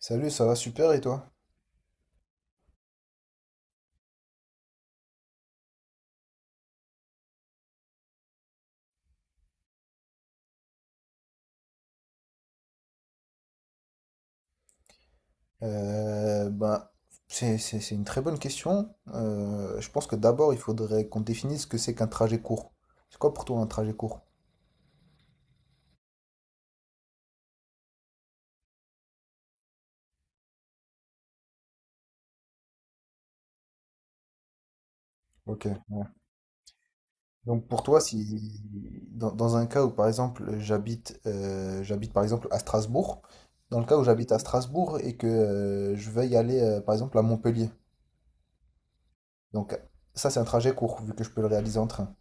Salut, ça va super et toi? Euh, ben, c'est une très bonne question. Je pense que d'abord, il faudrait qu'on définisse ce que c'est qu'un trajet court. C'est quoi pour toi un trajet court? Ok. Donc pour toi, si dans un cas où par exemple j'habite par exemple à Strasbourg, dans le cas où j'habite à Strasbourg et que je veux y aller par exemple à Montpellier. Donc ça c'est un trajet court vu que je peux le réaliser en train,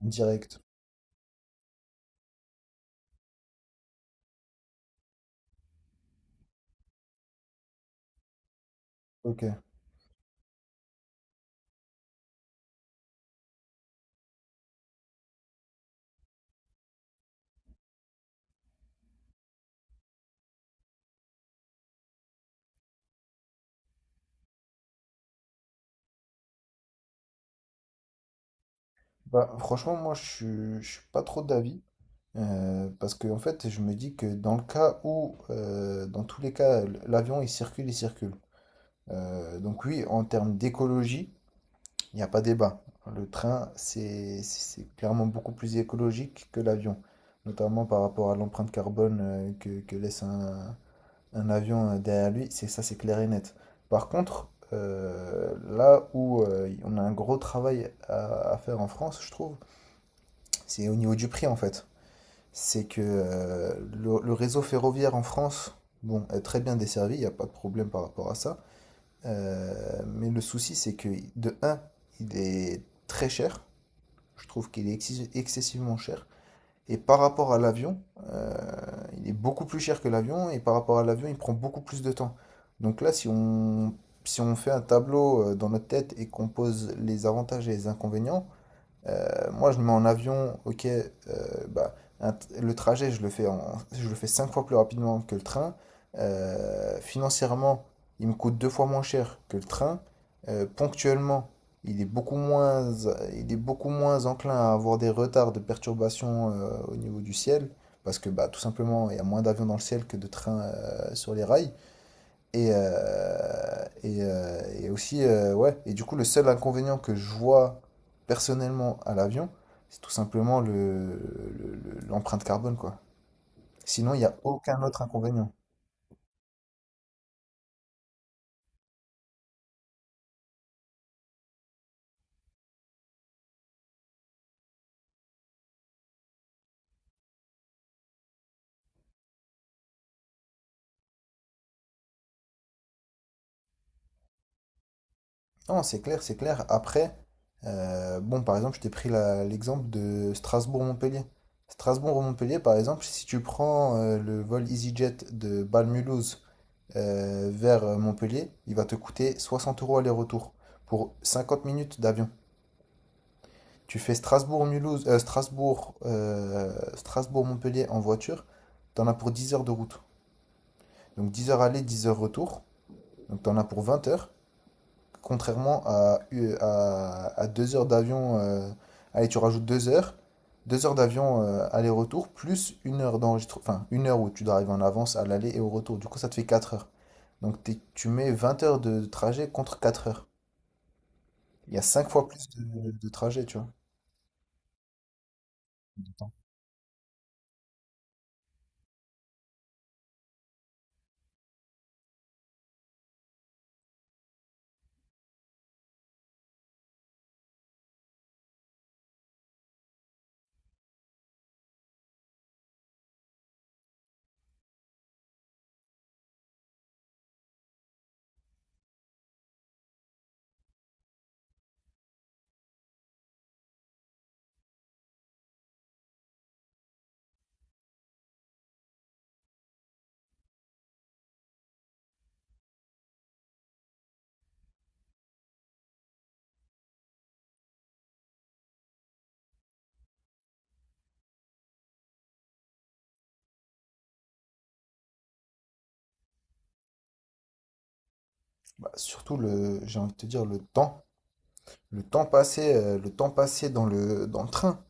en direct. Ok. Bah franchement je suis pas trop d'avis. Parce que en fait, je me dis que dans le cas où, dans tous les cas, il circule. Donc oui, en termes d'écologie, il n'y a pas débat. Le train, c'est clairement beaucoup plus écologique que l'avion, notamment par rapport à l'empreinte carbone que laisse un avion derrière lui. C'est clair et net. Par contre, là où on a un gros travail à faire en France, je trouve, c'est au niveau du prix en fait. C'est que le réseau ferroviaire en France, bon, est très bien desservi, il n'y a pas de problème par rapport à ça. Mais le souci, c'est que de un, il est très cher. Je trouve qu'il est excessivement cher. Et par rapport à l'avion, euh, il est beaucoup plus cher que l'avion. Et par rapport à l'avion, il prend beaucoup plus de temps. Donc là, si on fait un tableau dans notre tête et qu'on pose les avantages et les inconvénients, moi, je me mets en avion, ok, bah, un, le trajet, je le fais cinq fois plus rapidement que le train. Financièrement, il me coûte deux fois moins cher que le train. Ponctuellement, il est beaucoup moins, il est beaucoup moins enclin à avoir des retards de perturbations au niveau du ciel, parce que bah, tout simplement, il y a moins d'avions dans le ciel que de trains sur les rails. Ouais. Et du coup, le seul inconvénient que je vois personnellement à l'avion, c'est tout simplement l'empreinte carbone, quoi. Sinon, il n'y a aucun autre inconvénient. Non, c'est clair, c'est clair. Après, bon, par exemple, je t'ai pris l'exemple de Strasbourg-Montpellier. Strasbourg-Montpellier, par exemple, si tu prends le vol EasyJet de Bâle-Mulhouse vers Montpellier, il va te coûter 60 euros aller-retour pour 50 minutes d'avion. Tu fais Strasbourg-Montpellier en voiture, t'en as pour 10 heures de route. Donc 10 heures aller, 10 heures retour, donc t'en as pour 20 heures. Contrairement à, à 2 heures d'avion, allez, tu rajoutes 2 heures, 2 heures d'avion aller-retour, plus une heure où tu dois arriver en avance à l'aller et au retour. Du coup, ça te fait 4 heures. Donc tu mets 20 heures de trajet contre 4 heures. Il y a 5 fois plus de trajet, tu vois. Bah, surtout, j'ai envie de te dire, le temps passé, dans dans le train,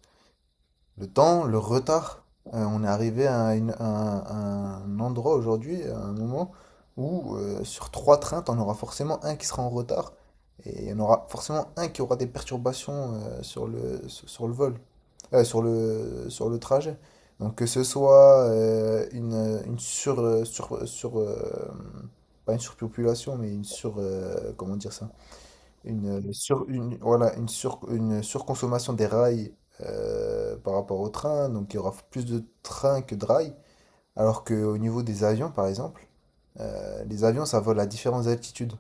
le retard. On est arrivé à, à un endroit aujourd'hui, à un moment où sur trois trains, t'en auras forcément un qui sera en retard et il y en aura forcément un qui aura des perturbations sur sur le vol, sur le trajet. Donc que ce soit une sur, sur, sur pas une surpopulation, mais comment dire ça? Voilà, une surconsommation des rails par rapport au train, donc il y aura plus de trains que de rails, alors qu'au niveau des avions, par exemple, les avions, ça vole à différentes altitudes.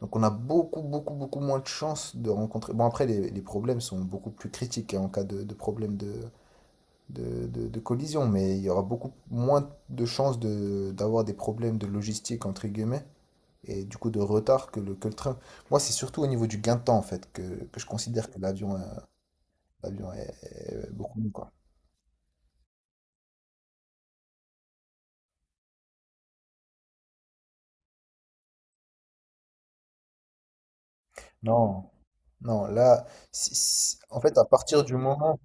Donc on a beaucoup, beaucoup, beaucoup moins de chances de rencontrer… Bon, après, les problèmes sont beaucoup plus critiques hein, en cas de problème de collision, mais il y aura beaucoup moins de chances d'avoir des problèmes de logistique, entre guillemets, et du coup de retard que que le train. Moi, c'est surtout au niveau du gain de temps, en fait, que je considère que l'avion est beaucoup mieux, quoi. Non, non, là, en fait, à partir du moment,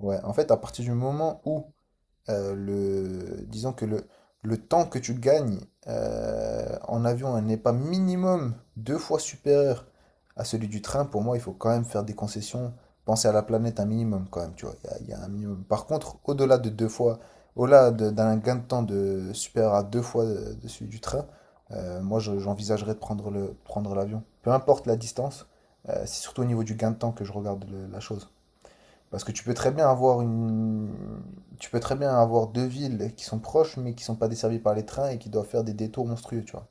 ouais, en fait, à partir du moment où disons que le temps que tu gagnes en avion n'est pas minimum deux fois supérieur à celui du train, pour moi, il faut quand même faire des concessions, penser à la planète un minimum quand même, tu vois. Il y a un minimum. Par contre, au-delà de deux fois, d'un gain de temps de supérieur à deux fois de celui du train, moi, j'envisagerais de prendre prendre l'avion. Peu importe la distance, c'est surtout au niveau du gain de temps que je regarde la chose. Parce que tu peux très bien avoir deux villes qui sont proches mais qui sont pas desservies par les trains et qui doivent faire des détours monstrueux, tu vois.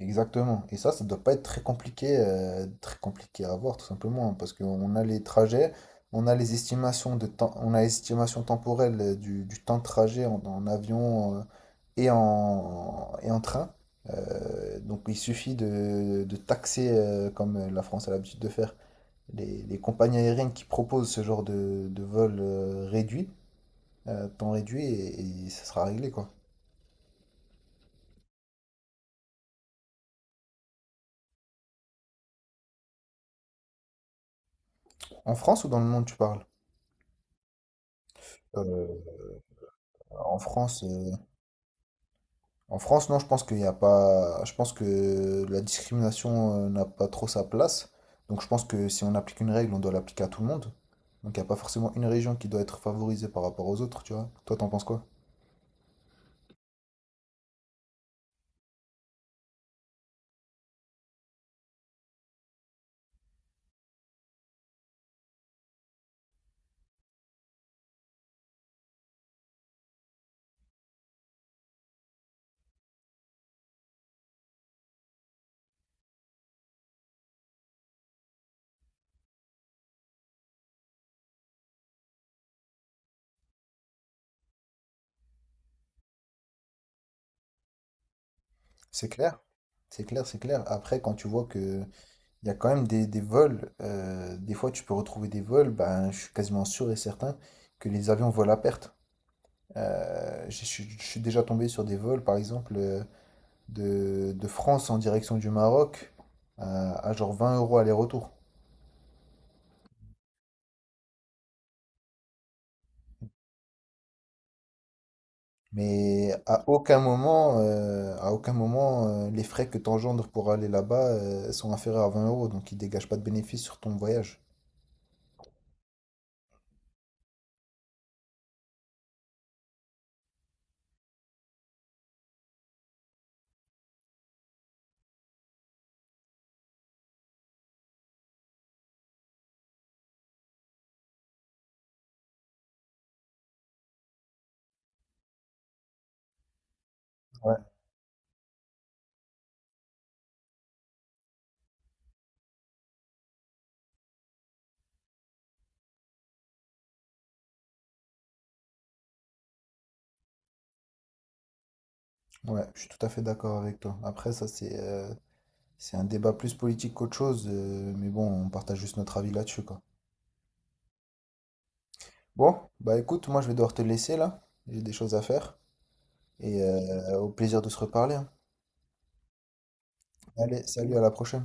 Exactement. Et ça doit pas être très compliqué, à avoir tout simplement, hein, parce qu'on a les trajets, on a les estimations de temps, on a l'estimation temporelle du temps de trajet en avion et en train. Donc il suffit de taxer, comme la France a l'habitude de faire, les compagnies aériennes qui proposent ce genre de vol réduit, temps réduit, et ça sera réglé, quoi. En France ou dans le monde, tu parles? Euh, en France, euh, en France, non, je pense qu'il n'y a pas, je pense que la discrimination n'a pas trop sa place. Donc, je pense que si on applique une règle, on doit l'appliquer à tout le monde. Donc, il n'y a pas forcément une région qui doit être favorisée par rapport aux autres, tu vois. Toi, t'en penses quoi? C'est clair, c'est clair, c'est clair. Après, quand tu vois que il y a quand même des vols. Des fois, tu peux retrouver des vols. Ben, je suis quasiment sûr et certain que les avions volent à perte. Je suis déjà tombé sur des vols, par exemple, de France en direction du Maroc à genre 20 euros aller-retour. Mais à aucun moment, les frais que tu engendres pour aller là-bas, sont inférieurs à 20 euros, donc ils dégagent pas de bénéfice sur ton voyage. Ouais. Ouais, je suis tout à fait d'accord avec toi. Après, ça, c'est un débat plus politique qu'autre chose, mais bon, on partage juste notre avis là-dessus, quoi. Bon, bah écoute, moi je vais devoir te laisser là. J'ai des choses à faire. Et au plaisir de se reparler, hein. Allez, salut, à la prochaine.